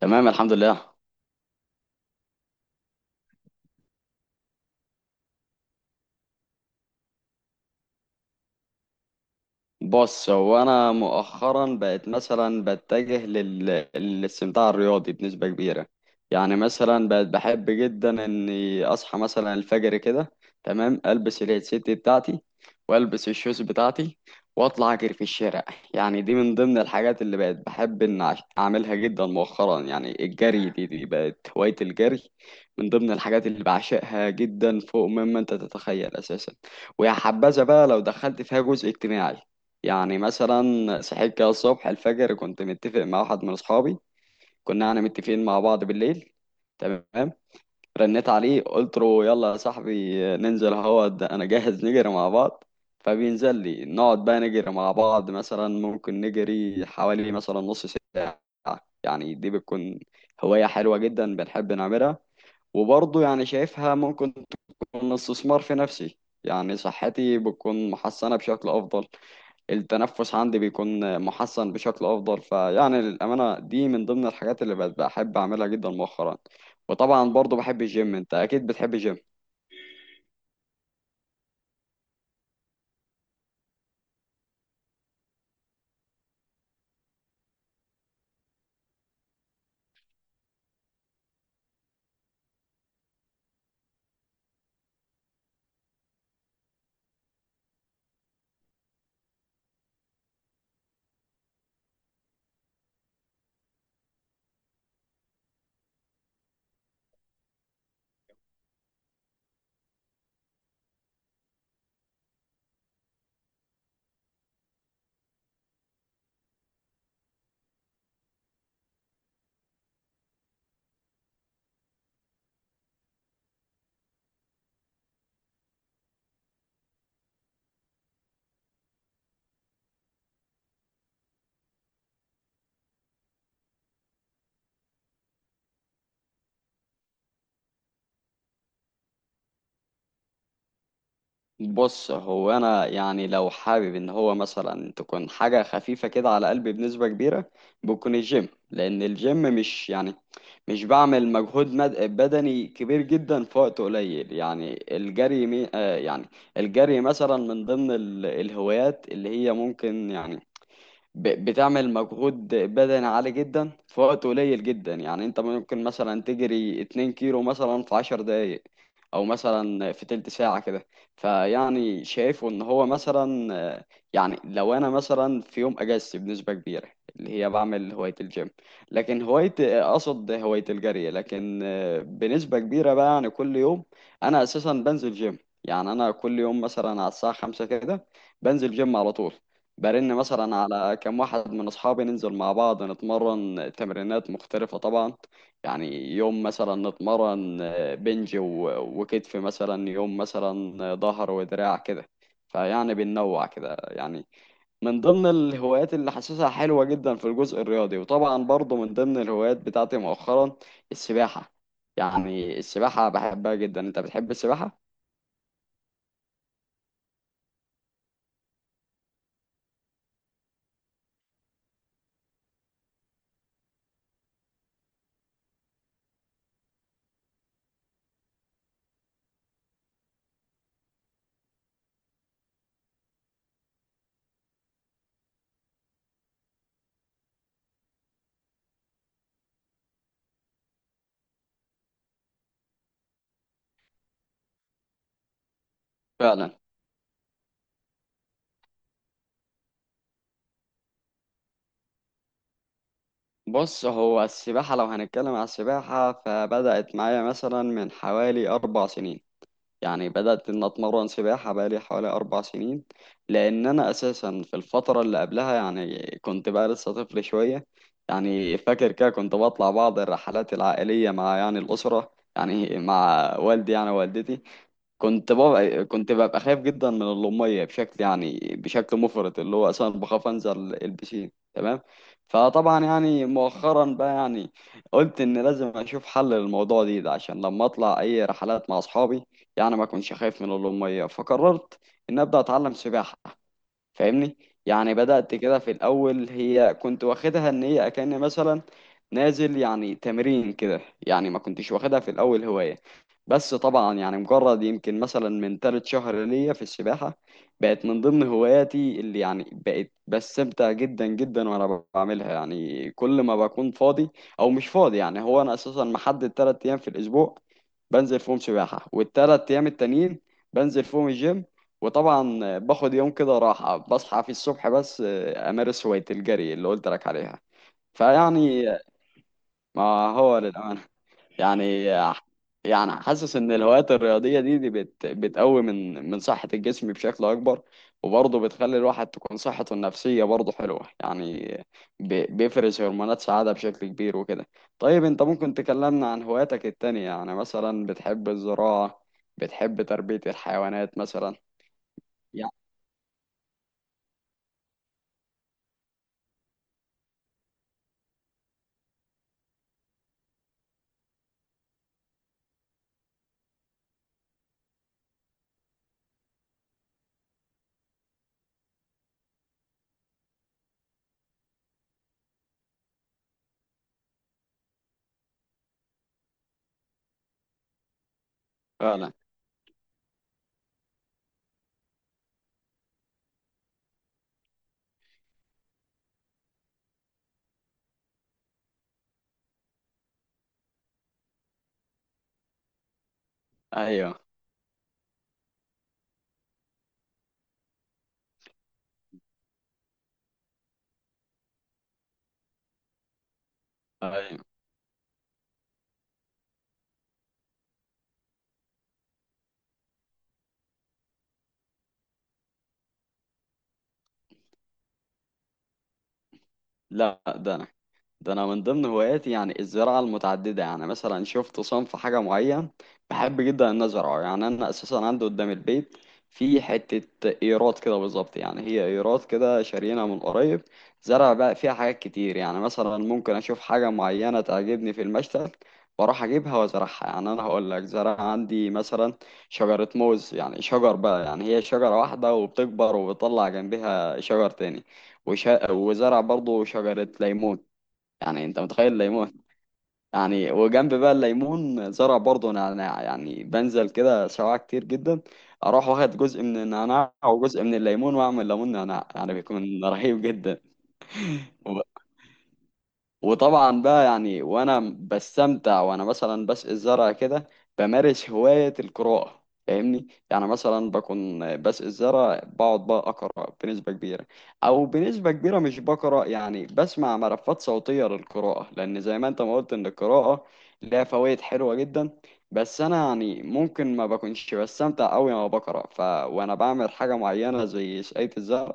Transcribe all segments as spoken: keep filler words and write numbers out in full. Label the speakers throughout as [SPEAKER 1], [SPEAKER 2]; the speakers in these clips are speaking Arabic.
[SPEAKER 1] تمام، الحمد لله. بص، هو انا مؤخرا بقت مثلا بتجه لل... للاستمتاع الرياضي بنسبه كبيره. يعني مثلا بقت بحب جدا اني اصحى مثلا الفجر كده، تمام. البس الهيدسيت بتاعتي، والبس الشوز بتاعتي، واطلع اجري في الشارع. يعني دي من ضمن الحاجات اللي بقت بحب ان أعش- اعملها جدا مؤخرا. يعني الجري، دي, دي بقت هوايه. الجري من ضمن الحاجات اللي بعشقها جدا فوق مما انت تتخيل اساسا. ويا حبذا بقى لو دخلت فيها جزء اجتماعي. يعني مثلا، صحيت كده الصبح الفجر، كنت متفق مع واحد من اصحابي. كنا يعني متفقين مع بعض بالليل، تمام. رنيت عليه قلت له: يلا يا صاحبي ننزل، هو ده انا جاهز نجري مع بعض. فبينزل لي، نقعد بقى نجري مع بعض، مثلا ممكن نجري حوالي مثلا نص ساعة. يعني دي بتكون هواية حلوة جدا بنحب نعملها. وبرضه يعني شايفها ممكن تكون استثمار في نفسي. يعني صحتي بتكون محسنة بشكل أفضل، التنفس عندي بيكون محسن بشكل افضل. فيعني للامانه، دي من ضمن الحاجات اللي بقت بحب اعملها جدا مؤخرا. وطبعا برضو بحب الجيم، انت اكيد بتحب الجيم. بص، هو انا يعني لو حابب ان هو مثلا تكون حاجه خفيفه كده على قلبي بنسبه كبيره، بكون الجيم. لان الجيم مش يعني مش بعمل مجهود مد- بدني كبير جدا في وقت قليل. يعني الجري مي... آه يعني الجري مثلا من ضمن ال- الهوايات اللي هي ممكن يعني ب- بتعمل مجهود بدني عالي جدا في وقت قليل جدا. يعني انت ممكن مثلا تجري اتنين كيلو مثلا في عشر دقايق، او مثلا في تلت ساعة كده. فيعني شايفه ان هو مثلا آه، يعني لو انا مثلا في يوم اجازتي بنسبة كبيرة اللي هي بعمل هواية الجيم. لكن هواية آه، اقصد هواية الجري، لكن آه، بنسبة كبيرة بقى يعني كل يوم انا اساسا بنزل جيم. يعني انا كل يوم مثلا على الساعة خمسة كده بنزل جيم على طول. برن مثلا على كم واحد من اصحابي ننزل مع بعض نتمرن تمرينات مختلفة طبعا. يعني يوم مثلا نتمرن آه، بنج و- وكتف، مثلا يوم مثلا آه، ظهر ودراع كده. فيعني بننوع كده يعني. من ضمن الهوايات اللي حاسسها حلوة جدا في الجزء الرياضي. وطبعا برضه من ضمن الهوايات بتاعتي مؤخرا، السباحة. يعني السباحة بحبها جدا، انت بتحب السباحة؟ فعلا. بص، هو السباحة لو هنتكلم على السباحة، فبدأت معايا مثلا من حوالي أربع سنين. يعني بدأت إن أتمرن سباحة بقالي حوالي أربع سنين. لأن أنا أساسا في الفترة اللي قبلها يعني كنت بقى لسه طفل شوية. يعني فاكر كده كنت بطلع بعض الرحلات العائلية مع يعني الأسرة، يعني مع والدي يعني والدتي. كنت ببقى كنت ببقى خايف جدا من اللمية بشكل يعني بشكل مفرط، اللي هو اصلا بخاف انزل البسين، تمام. فطبعا يعني مؤخرا بقى يعني قلت ان لازم اشوف حل للموضوع دي ده، عشان لما اطلع اي رحلات مع اصحابي يعني ما اكونش خايف من اللمية. فقررت ان ابدا اتعلم سباحة، فاهمني. يعني بدأت كده في الأول، هي كنت واخدها إن هي أكأن مثلا نازل يعني تمرين كده. يعني ما كنتش واخدها في الأول هواية. بس طبعا يعني مجرد يمكن مثلا من تالت شهر ليا في السباحة، بقت من ضمن هواياتي اللي يعني بقت بستمتع جدا جدا وأنا بعملها. يعني كل ما بكون فاضي أو مش فاضي. يعني هو أنا أساسا محدد تلات أيام في الأسبوع بنزل فيهم سباحة، والتلات أيام التانيين بنزل فيهم الجيم. وطبعا باخد يوم كده راحة بصحى في الصبح بس آه، أمارس هواية الجري اللي قلت لك عليها. فيعني ما هو للأمانة يعني يعني حاسس إن الهوايات الرياضية، دي, دي بت بتقوي من من صحة الجسم بشكل أكبر. وبرضه بتخلي الواحد تكون صحته النفسية برضه حلوة. يعني ب- بيفرز هرمونات سعادة بشكل كبير وكده. طيب أنت ممكن تكلمنا عن هواياتك التانية؟ يعني مثلا بتحب الزراعة، بتحب تربية الحيوانات مثلا؟ يعني فعلا. ايوه. أيوة. لا، ده أنا، ده انا من ضمن هواياتي يعني الزراعه المتعدده. يعني مثلا شفت صنف حاجه معين بحب جدا ان ازرعه. يعني انا اساسا عندي قدام البيت في حته ايرات كده بالظبط، يعني هي ايرات كده شارينا من قريب. زرع بقى فيها حاجات كتير. يعني مثلا ممكن اشوف حاجه معينه تعجبني في المشتل، بروح اجيبها وازرعها. يعني انا هقول لك زرع عندي مثلا شجره موز، يعني شجر بقى يعني هي شجره واحده وبتكبر وبتطلع جنبها شجر تاني. وش... وزرع برضه شجره ليمون. يعني انت متخيل الليمون؟ يعني وجنب بقى الليمون زرع برضه انا نعناع. يعني بنزل كده سواع كتير جدا، اروح واخد جزء من النعناع وجزء من الليمون واعمل ليمون نعناع، يعني بيكون رهيب جدا. وطبعا بقى يعني وانا بستمتع وانا مثلا بسقي الزرع كده، بمارس هواية القراءة، فاهمني. يعني مثلا بكون بسقي الزرع بقعد بقى اقرا بنسبة كبيرة. او بنسبة كبيرة مش بقرا يعني بسمع ملفات صوتية للقراءة، لان زي ما انت ما قلت ان القراءة لها فوائد حلوة جدا. بس انا يعني ممكن ما بكونش بستمتع قوي وانا بقرا، ف وانا بعمل حاجة معينة زي سقاية الزرع،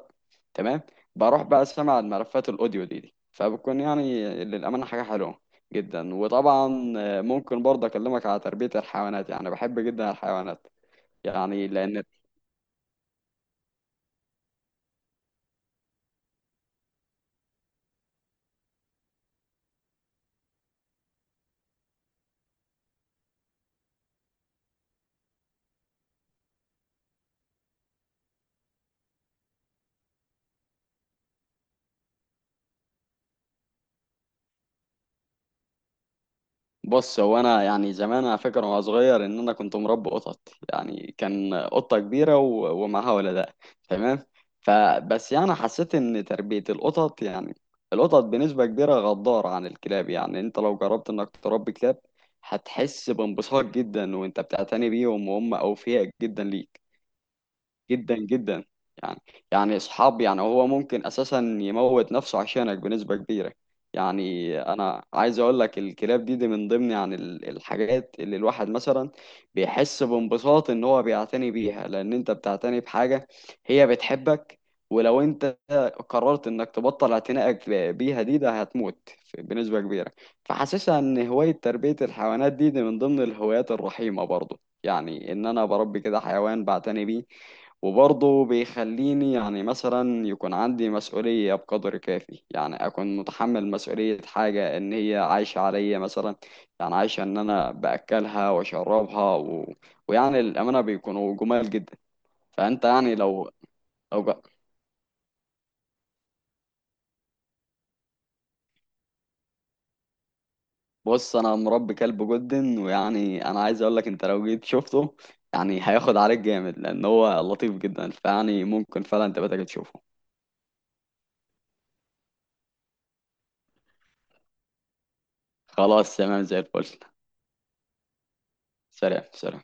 [SPEAKER 1] تمام، بروح بقى سمع الملفات الاوديو دي. فبتكون يعني للأمانة حاجة حلوة جدا. وطبعا آه، ممكن برضه أكلمك على تربية الحيوانات. يعني بحب جدا الحيوانات، يعني لأن... بص، هو أنا يعني زمان على فكرة وأنا صغير إن أنا كنت مربي قطط. يعني كان قطة كبيرة و- ومعاها ولداء، تمام. فبس يعني حسيت إن تربية القطط يعني القطط بنسبة كبيرة غدارة عن الكلاب. يعني أنت لو جربت إنك تربي كلاب، هتحس بانبساط جدا وأنت بتعتني بيهم، وهم أوفياء جدا ليك. جدا جدا. يعني، يعني اصحاب. يعني هو ممكن اساسا يموت نفسه عشانك بنسبة كبيرة. يعني انا عايز اقول لك الكلاب، دي دي من ضمن يعني ال- الحاجات اللي الواحد مثلا بيحس بانبساط ان هو بيعتني بيها، لان انت بتعتني بحاجة هي بتحبك. ولو انت قررت انك تبطل اعتنائك ب- بيها، دي ده هتموت ف- بنسبة كبيرة. فحاسسها ان هواية تربية الحيوانات، دي دي من ضمن الهوايات الرحيمة برضو. يعني ان انا بربي كده حيوان بعتني بيه، وبرضه بيخليني يعني مثلا يكون عندي مسؤولية بقدر كافي. يعني أكون متحمل مسؤولية حاجة إن هي عايشة عليا مثلا، يعني عايشة إن أنا بأكلها وأشربها و... ويعني الأمانة بيكونوا جمال جدا. فأنت يعني لو لو ج- بص أنا مربي كلب جدا، ويعني أنا عايز أقولك أنت لو جيت شفته يعني هياخد عليك جامد لأن هو لطيف جدا. فيعني ممكن فعلا تبقى تيجي تشوفه. خلاص تمام زي الفل. سلام سلام.